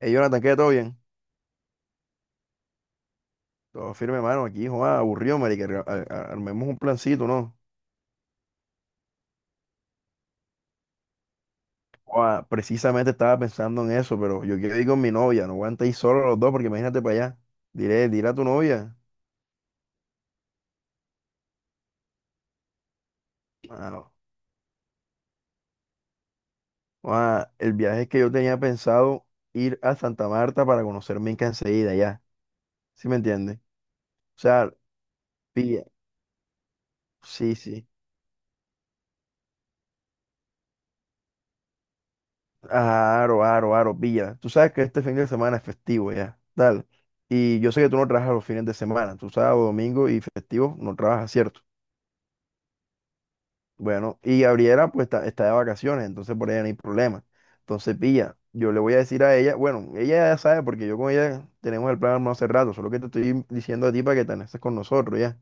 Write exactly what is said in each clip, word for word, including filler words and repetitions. Ey, Jonathan, ¿qué? ¿Todo bien? Todo firme, mano. Aquí, joa, aburrido, marica. Ar- ar- Armemos un plancito, ¿no? Joa, precisamente estaba pensando en eso, pero yo quiero ir con mi novia. No aguanta ir solo los dos, porque imagínate para allá. Diré, dile a tu novia. Mano, joa, el viaje es que yo tenía pensado ir a Santa Marta para conocer Minca enseguida, ya. ¿Sí me entiendes? O sea, pilla. Sí, sí. Aro, aro, aro, pilla. Tú sabes que este fin de semana es festivo ya, dale. Y yo sé que tú no trabajas los fines de semana, tú sábado, domingo y festivo no trabajas, ¿cierto? Bueno, y Gabriela pues está, está de vacaciones, entonces por ella no hay problema. Entonces, pilla, yo le voy a decir a ella, bueno, ella ya sabe porque yo con ella tenemos el plan armado hace rato, solo que te estoy diciendo a ti para que te anexes con nosotros, ya.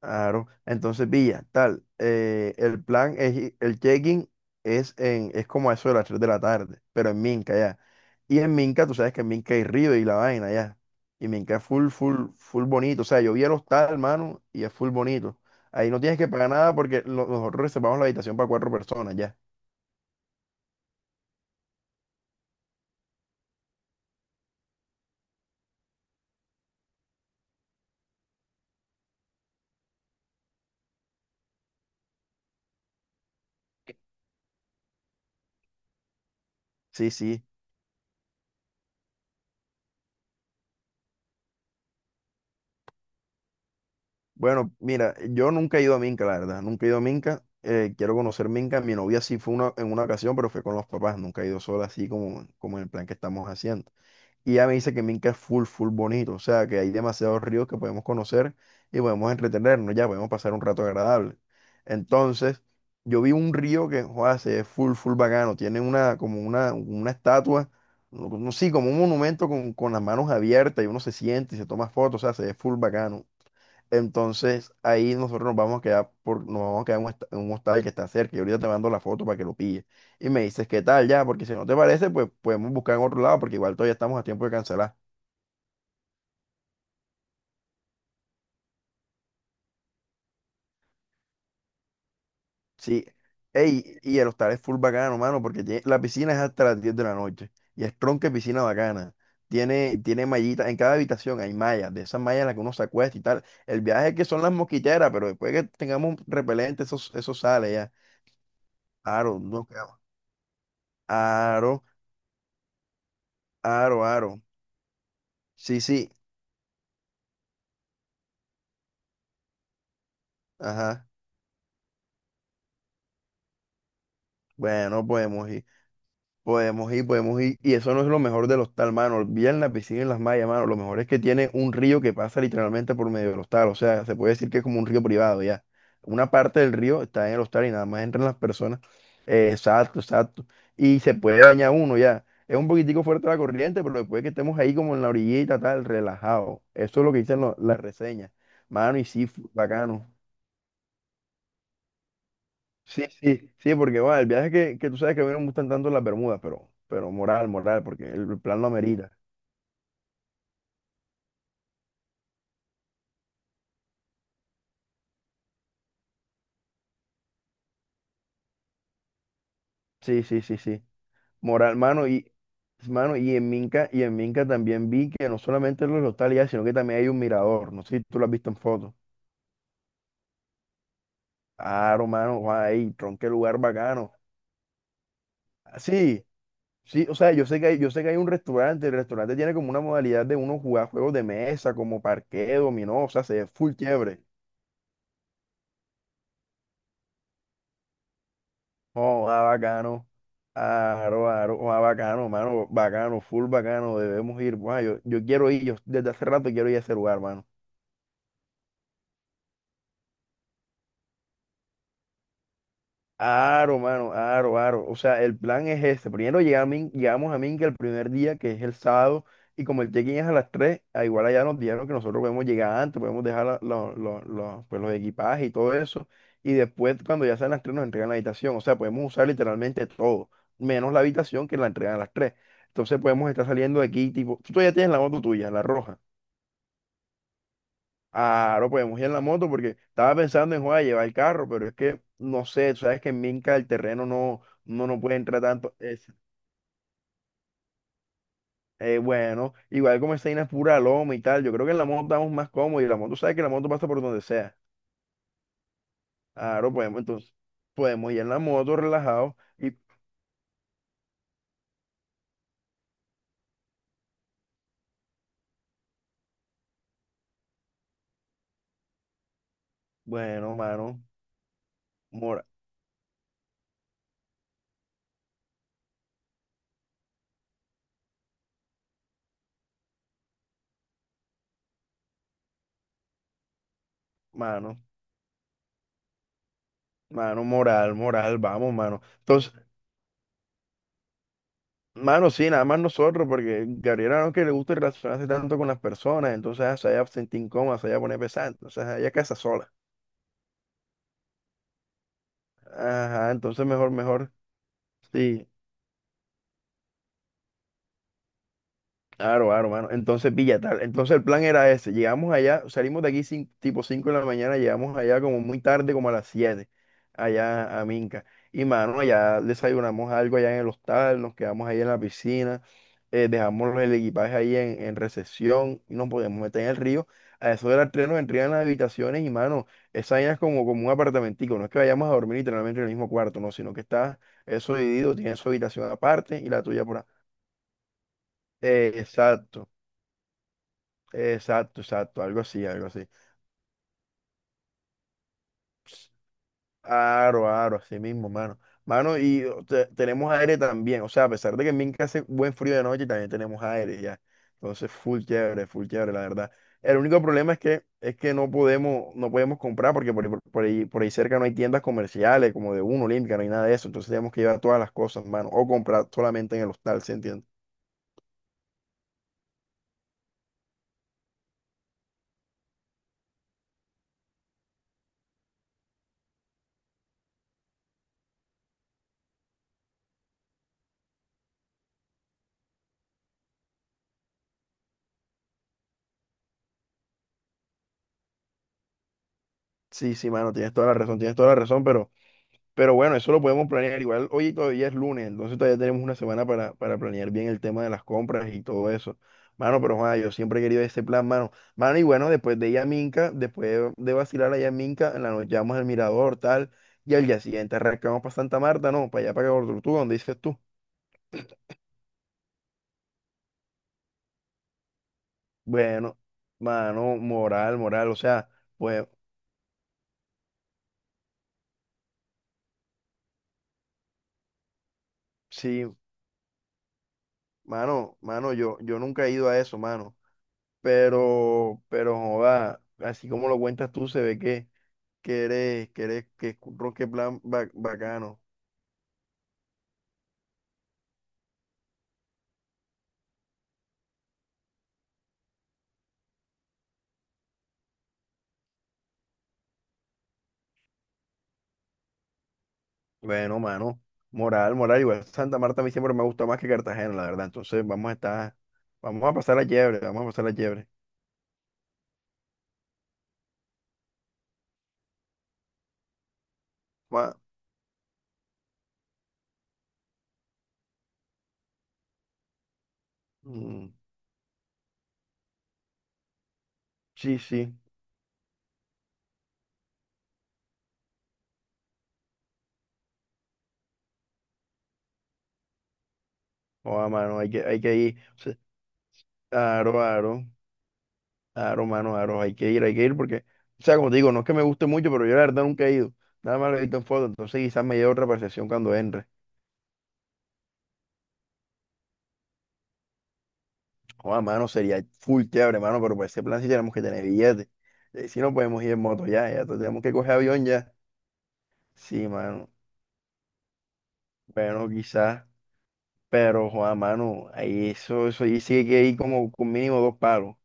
Claro, entonces Villa, tal, eh, el plan es, i- el check-in es, en, es como a eso de las tres de la tarde, pero en Minca ya. Y en Minca, tú sabes que en Minca hay río y la vaina ya. Y Minca es full, full, full bonito. O sea, yo vi el hostal, hermano, y es full bonito. Ahí no tienes que pagar nada porque lo- nosotros reservamos la habitación para cuatro personas ya. Sí, sí. Bueno, mira, yo nunca he ido a Minca, la verdad. Nunca he ido a Minca. Eh, quiero conocer Minca. Mi novia sí fue una, en una ocasión, pero fue con los papás. Nunca he ido sola así como, como en el plan que estamos haciendo. Y ella me dice que Minca es full, full bonito, o sea, que hay demasiados ríos que podemos conocer y podemos entretenernos, ya podemos pasar un rato agradable. Entonces, yo vi un río que, joder, se ve full, full bacano, tiene una, como una, una estatua, no, no, sí, como un monumento con, con las manos abiertas y uno se siente y se toma fotos, o sea, se ve full bacano. Entonces ahí nosotros nos vamos a quedar por, nos vamos a quedar en un, hostal- en un hostal que está cerca. Y ahorita te mando la foto para que lo pilles. Y me dices qué tal ya, porque si no te parece, pues podemos buscar en otro lado, porque igual todavía estamos a tiempo de cancelar. Sí. Ey, y el hostal es full bacano, mano, porque tiene- la piscina es hasta las diez de la noche. Y es tronque piscina bacana. Tiene, tiene mallitas, en cada habitación hay mallas, de esas mallas en las que uno se acuesta y tal. El viaje es que son las mosquiteras, pero después que tengamos repelente, eso, eso sale ya. Aro, no quedamos. Aro. Aro, aro. Sí, sí, ajá. Bueno, podemos ir, podemos ir, podemos ir. Y eso no es lo mejor del hostal, mano. Olviden la piscina y las mallas, mano. Lo mejor es que tiene un río que pasa literalmente por medio del hostal. O sea, se puede decir que es como un río privado, ya. Una parte del río está en el hostal y nada más entran las personas. Eh, exacto, exacto. Y se puede bañar uno, ya. Es un poquitico fuerte la corriente, pero después que estemos ahí como en la orillita, tal, relajado. Eso es lo que dicen lo- las reseñas. Mano, y sí, fu- bacano. Sí, sí, sí, porque bueno, el viaje que, que tú sabes que a mí no me gustan tanto las Bermudas, pero, pero moral, moral, porque el plan lo amerita. Sí, sí, sí, sí. Moral, mano, y mano, y en Minca, y en Minca también vi que no solamente los hostales, ya, sino que también hay un mirador. No sé si tú lo has visto en fotos. Claro, mano, guau, ahí, tron, qué lugar bacano. Ah, sí, sí, o sea, yo sé que hay, yo sé que hay un restaurante, el restaurante tiene como una modalidad de uno jugar juegos de mesa, como parqué, dominó, o sea, se ve full chévere. Oh, ah, bacano. Aro, aro, ah, bacano, mano, bacano, full bacano, debemos ir. Guau, yo, yo quiero ir, yo desde hace rato quiero ir a ese lugar, mano. Aro, mano, aro, aro. O sea, el plan es este. Primero llega a Min- llegamos a Minca el primer día, que es el sábado, y como el check-in es a las tres, a igual allá nos dijeron que nosotros podemos llegar antes, podemos dejar la- lo- lo- lo- pues, los equipajes y todo eso, y después cuando ya sean las tres nos entregan la habitación. O sea, podemos usar literalmente todo, menos la habitación que la entregan a las tres. Entonces podemos estar saliendo de aquí, tipo, tú todavía tienes la moto tuya, la roja. Claro, podemos ir en la moto porque estaba pensando en joder, llevar el carro, pero es que no sé, tú sabes que en Minca el terreno no, no, no puede entrar tanto. Es, eh, bueno, igual como esa vaina es pura loma y tal, yo creo que en la moto estamos más cómodos y la moto, sabes que la moto pasa por donde sea. Claro, podemos, entonces podemos ir en la moto relajados y bueno, mano, mora- mano, mano, moral, moral, vamos, mano. Entonces, mano, sí, nada más nosotros, porque Gabriela no es que le gusta relacionarse tanto con las personas, entonces ah, se vaya a sentir incómoda, se vaya a poner pesada, entonces ah, ella casa sola. Ajá, entonces mejor, mejor. Sí, claro, claro, mano. Entonces, pilla tal. Entonces el plan era ese, llegamos allá, salimos de aquí cin- tipo cinco de la mañana, llegamos allá como muy tarde, como a las siete allá a Minca. Y, mano, allá desayunamos algo allá en el hostal, nos quedamos ahí en la piscina. Eh, dejamos el equipaje ahí en, en recepción y nos podíamos meter en el río. A eso de las tres nos entregan las habitaciones y, mano, esa vaina es como, como un apartamentico. No es que vayamos a dormir literalmente en el mismo cuarto, no, sino que está eso dividido, tiene su habitación aparte y la tuya por ahí. Eh, exacto, exacto, exacto, algo así, algo así. Aro, aro, así mismo, mano. Mano, y o, te- tenemos aire también. O sea, a pesar de que en Minca hace buen frío de noche, también tenemos aire ya. Entonces, full chévere, full chévere, la verdad. El único problema es que, es que no podemos, no podemos comprar porque por, ahí- por ahí, por ahí cerca no hay tiendas comerciales como de Uno, Olímpica, no hay nada de eso. Entonces tenemos que llevar todas las cosas, mano. O comprar solamente en el hostal, ¿se entiende? Sí, sí, mano, tienes toda la razón, tienes toda la razón, pero Pero bueno, eso lo podemos planear. Igual hoy todavía es lunes, entonces todavía tenemos una semana para, para planear bien el tema de las compras y todo eso. Mano, pero Juan, yo siempre he querido ese plan, mano. Mano, y bueno, después de Yaminca, después de vacilar allá en Minca, en la noche vamos al Mirador, tal, y al día siguiente arrancamos para Santa Marta, ¿no? Para allá, para Cabo Tortuga, donde dices tú. Bueno, mano, moral, moral, o sea, pues sí, mano, mano, yo, yo nunca he ido a eso, mano. Pero, pero, joda, así como lo cuentas tú, se ve que que eres, que eres, que es un ron, que plan ba- bacano. Bueno, mano, moral, moral, igual Santa Marta a mí siempre me ha gustado más que Cartagena, la verdad. Entonces vamos a estar, vamos a pasar la liebre, vamos a pasar la liebre. Ma, mm, sí, sí, oh, mano, hay que, hay que ir. O sea, aro, aro, aro, mano, aro, hay que ir, hay que ir porque, o sea, como te digo, no es que me guste mucho, pero yo la verdad nunca he ido. Nada más lo he visto en foto, entonces quizás me lleve otra percepción cuando entre. Joder, mano, sería full chévere, mano, pero para ese plan sí tenemos que tener billetes. Eh, si no podemos ir en moto ya, ya tenemos que coger avión ya. Sí, mano. Bueno, quizás, pero joder, mano, ahí eso, eso, ahí sí que hay que ir como con mínimo dos palos.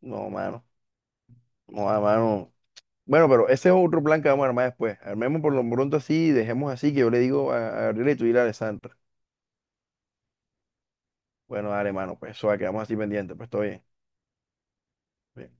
No, mano. Joder, mano. Bueno, pero ese es otro plan que vamos a armar después. Armemos por lo pronto así y dejemos así que yo le digo a, a Gabriela y tú dile a Alessandra. Bueno, dale, mano, pues eso va, quedamos así pendientes, pues todo bien. Bien.